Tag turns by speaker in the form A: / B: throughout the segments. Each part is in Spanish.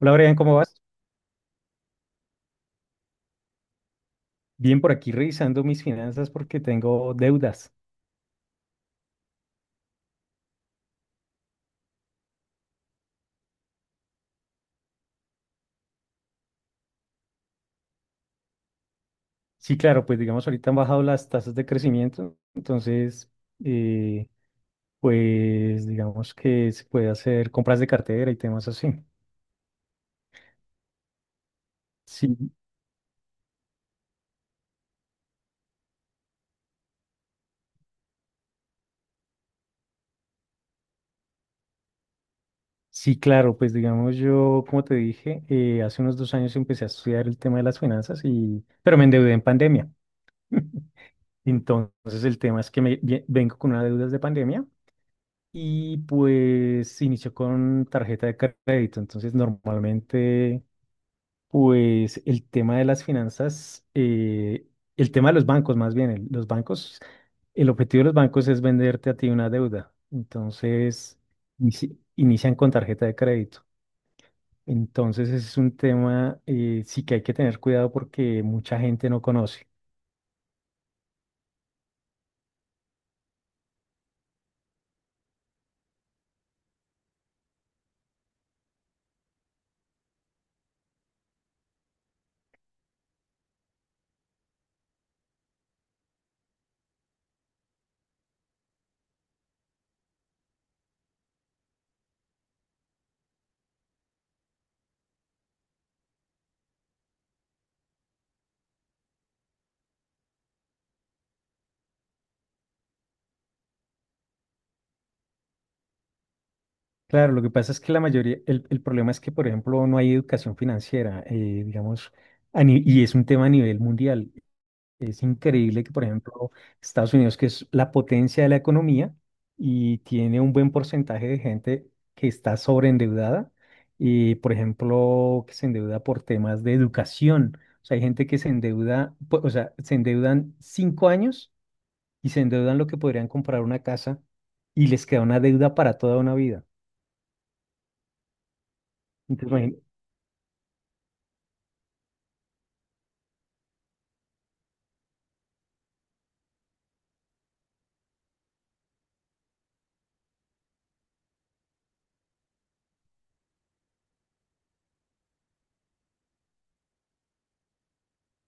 A: Hola, Brian, ¿cómo vas? Bien, por aquí revisando mis finanzas porque tengo deudas. Sí, claro, pues digamos, ahorita han bajado las tasas de crecimiento, entonces, eh, pues digamos que se puede hacer compras de cartera y temas así. Sí, sí, claro, pues digamos, yo, como te dije, hace unos 2 años empecé a estudiar el tema de las finanzas y, pero me endeudé en pandemia. Entonces, el tema es que vengo con una deuda de pandemia y pues se inició con tarjeta de crédito. Entonces, normalmente, pues el tema de las finanzas, el tema de los bancos más bien, los bancos, el objetivo de los bancos es venderte a ti una deuda. Entonces, inician con tarjeta de crédito. Entonces, ese es un tema sí que hay que tener cuidado porque mucha gente no conoce. Claro, lo que pasa es que la mayoría, el problema es que, por ejemplo, no hay educación financiera, digamos, a ni- y es un tema a nivel mundial. Es increíble que, por ejemplo, Estados Unidos, que es la potencia de la economía y tiene un buen porcentaje de gente que está sobreendeudada y, por ejemplo, que se endeuda por temas de educación. O sea, hay gente que se endeuda, o sea, se endeudan 5 años y se endeudan lo que podrían comprar una casa y les queda una deuda para toda una vida.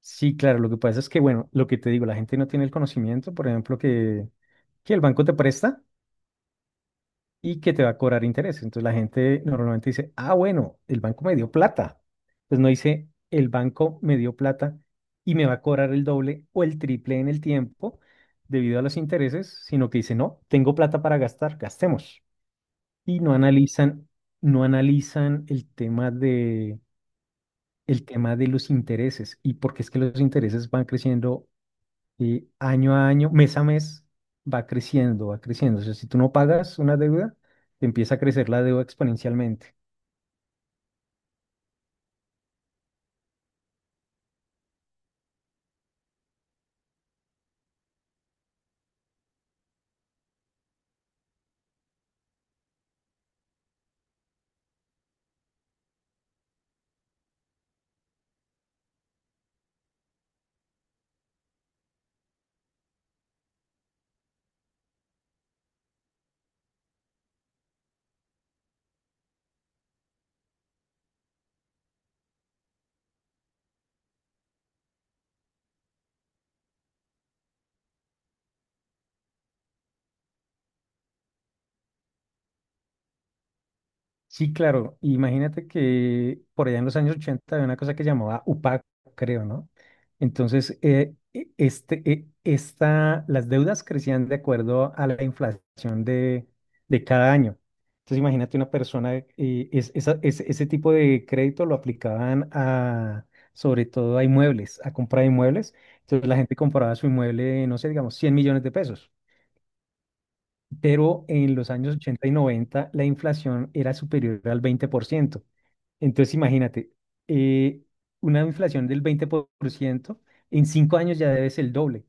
A: Sí, claro, lo que pasa es que, bueno, lo que te digo, la gente no tiene el conocimiento, por ejemplo, que, el banco te presta y que te va a cobrar interés. Entonces la gente normalmente dice, ah, bueno, el banco me dio plata. Pues no dice, el banco me dio plata y me va a cobrar el doble o el triple en el tiempo debido a los intereses, sino que dice, no, tengo plata para gastar, gastemos. Y no analizan el tema de los intereses y porque es que los intereses van creciendo y año a año, mes a mes, va creciendo, va creciendo. O sea, si tú no pagas una deuda, empieza a crecer la deuda exponencialmente. Sí, claro. Imagínate que por allá en los años 80 había una cosa que llamaba UPAC, creo, ¿no? Entonces, las deudas crecían de acuerdo a la inflación de cada año. Entonces, imagínate una persona, ese tipo de crédito lo aplicaban a, sobre todo a inmuebles, a compra de inmuebles. Entonces, la gente compraba su inmueble, no sé, digamos, 100 millones de pesos, pero en los años 80 y 90 la inflación era superior al 20%. Entonces, imagínate, eh, una inflación del 20% en 5 años ya debes el doble,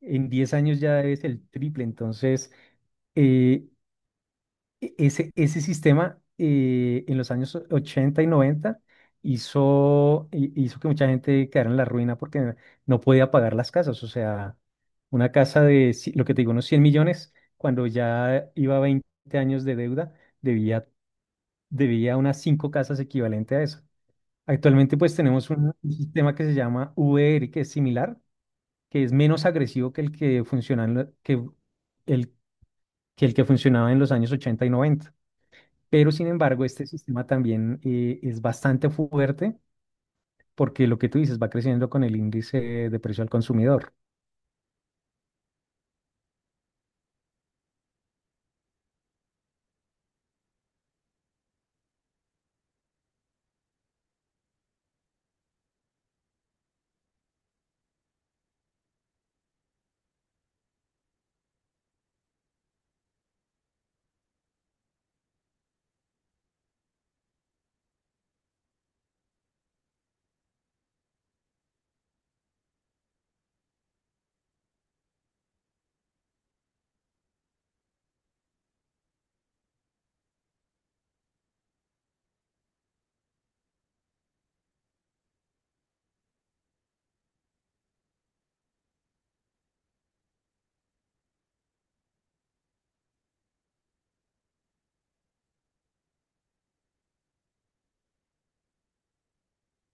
A: en 10 años ya debes el triple. Entonces, eh, e- Ese sistema en los años 80 y 90 hizo, hizo que mucha gente quedara en la ruina porque no podía pagar las casas. O sea, una casa de, lo que te digo, unos 100 millones, cuando ya iba a 20 años de deuda, debía, debía unas 5 casas equivalente a eso. Actualmente pues tenemos un sistema que se llama VR, que es similar, que es menos agresivo que el que funciona en lo- que, el, que el que funcionaba en los años 80 y noventa, pero sin embargo, este sistema también es bastante fuerte porque lo que tú dices va creciendo con el índice de precio al consumidor.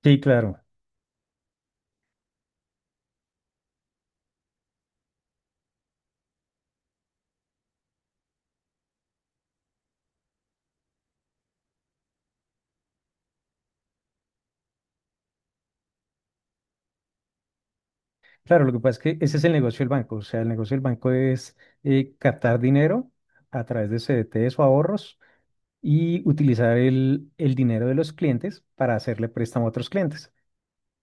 A: Sí, claro. Claro, lo que pasa es que ese es el negocio del banco. O sea, el negocio del banco es captar dinero a través de CDTs o ahorros y utilizar el dinero de los clientes para hacerle préstamo a otros clientes.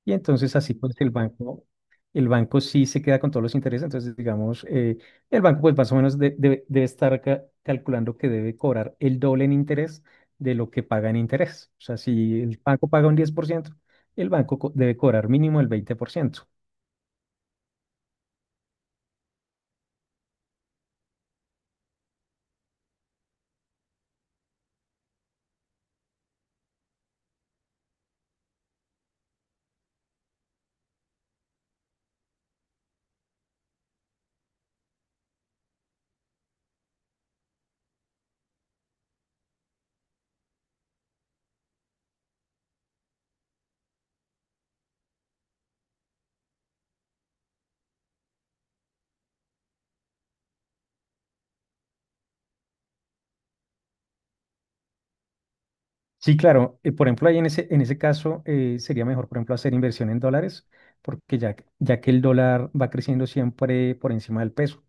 A: Y entonces así pues el banco sí se queda con todos los intereses, entonces digamos, el banco pues más o menos debe estar calculando que debe cobrar el doble en interés de lo que paga en interés. O sea, si el banco paga un 10%, el banco debe cobrar mínimo el 20%. Sí, claro. Por ejemplo, ahí en ese caso sería mejor, por ejemplo, hacer inversión en dólares, porque ya, ya que el dólar va creciendo siempre por encima del peso.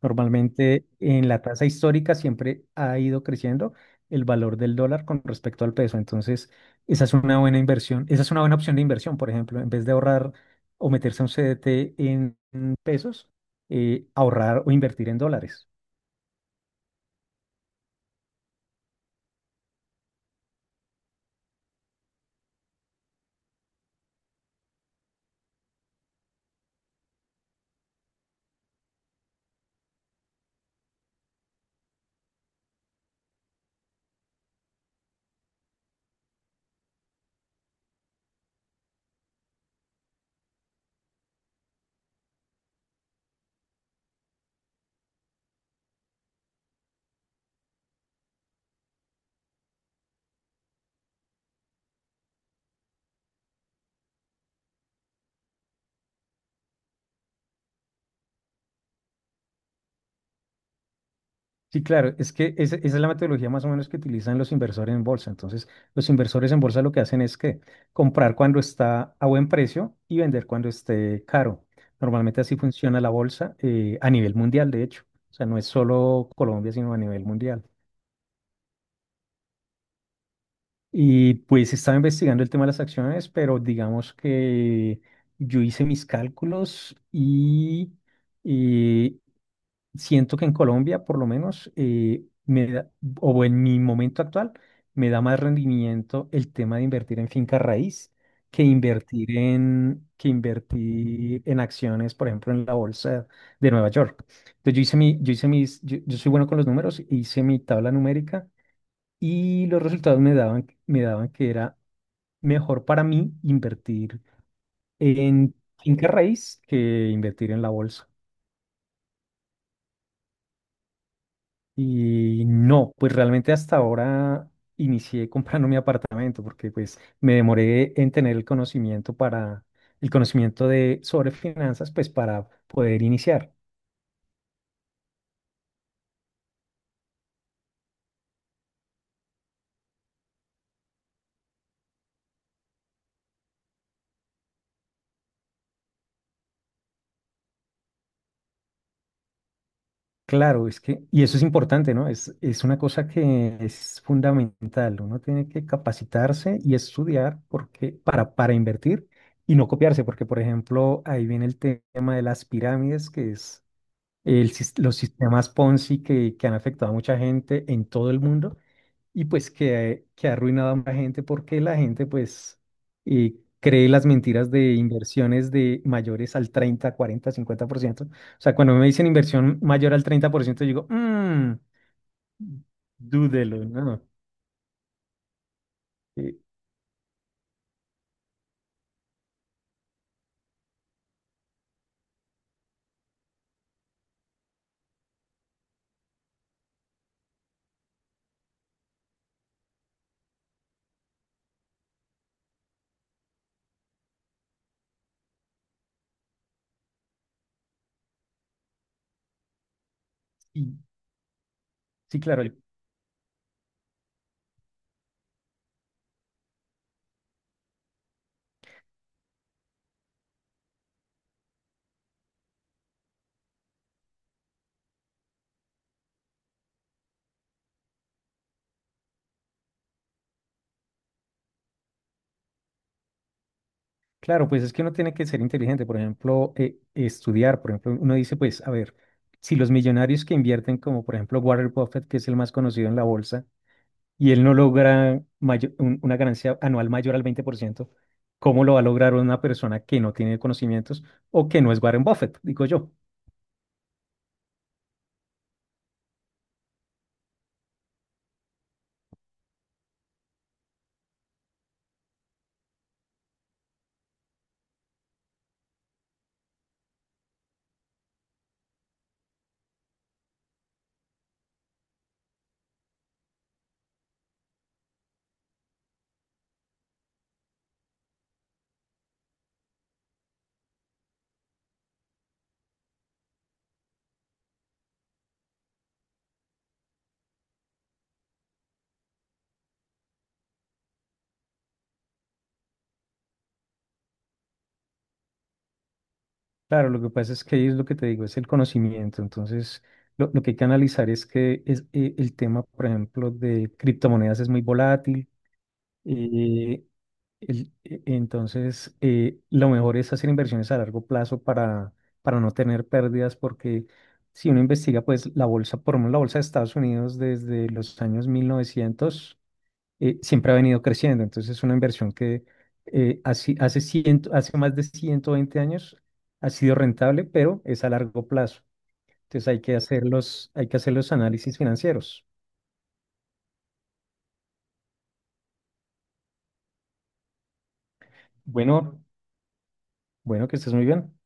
A: Normalmente en la tasa histórica siempre ha ido creciendo el valor del dólar con respecto al peso. Entonces, esa es una buena inversión, esa es una buena opción de inversión, por ejemplo, en vez de ahorrar o meterse a un CDT en pesos, ahorrar o invertir en dólares. Sí, claro, es que esa es la metodología más o menos que utilizan los inversores en bolsa. Entonces, los inversores en bolsa lo que hacen es que comprar cuando está a buen precio y vender cuando esté caro. Normalmente así funciona la bolsa a nivel mundial, de hecho. O sea, no es solo Colombia, sino a nivel mundial. Y pues estaba investigando el tema de las acciones, pero digamos que yo hice mis cálculos y siento que en Colombia, por lo menos, o en mi momento actual, me da más rendimiento el tema de invertir en finca raíz que invertir en acciones, por ejemplo, en la bolsa de Nueva York. Entonces, yo hice mi, yo hice mis, yo soy bueno con los números, hice mi tabla numérica y los resultados me daban que era mejor para mí invertir en finca raíz que invertir en la bolsa. Y no, pues realmente hasta ahora inicié comprando mi apartamento porque pues me demoré en tener el conocimiento para el conocimiento de sobre finanzas pues para poder iniciar. Claro, es que y eso es importante, ¿no? Es una cosa que es fundamental. Uno tiene que capacitarse y estudiar porque para invertir y no copiarse, porque por ejemplo, ahí viene el tema de las pirámides que es los sistemas Ponzi que, han afectado a mucha gente en todo el mundo y pues que, ha arruinado a mucha gente porque la gente pues eh, cree las mentiras de inversiones de mayores al 30, 40, 50%. O sea, cuando me dicen inversión mayor al 30%, yo digo, dúdelo, ¿no? Eh, y, sí, claro. Claro, pues es que uno tiene que ser inteligente, por ejemplo, estudiar, por ejemplo, uno dice, pues, a ver, si los millonarios que invierten, como por ejemplo Warren Buffett, que es el más conocido en la bolsa, y él no logra una ganancia anual mayor al 20%, ¿cómo lo va a lograr una persona que no tiene conocimientos o que no es Warren Buffett? Digo yo. Claro, lo que pasa es que ahí es lo que te digo, es el conocimiento. Entonces, lo que hay que analizar es que es, el tema, por ejemplo, de criptomonedas es muy volátil. Eh, entonces, lo mejor es hacer inversiones a largo plazo para, no tener pérdidas, porque si uno investiga, pues la bolsa, por lo menos la bolsa de Estados Unidos desde los años 1900, siempre ha venido creciendo. Entonces, es una inversión que hace más de 120 años ha sido rentable, pero es a largo plazo. Entonces, hay que hacer los, hay que hacer los análisis financieros. Bueno, bueno, que estés muy bien.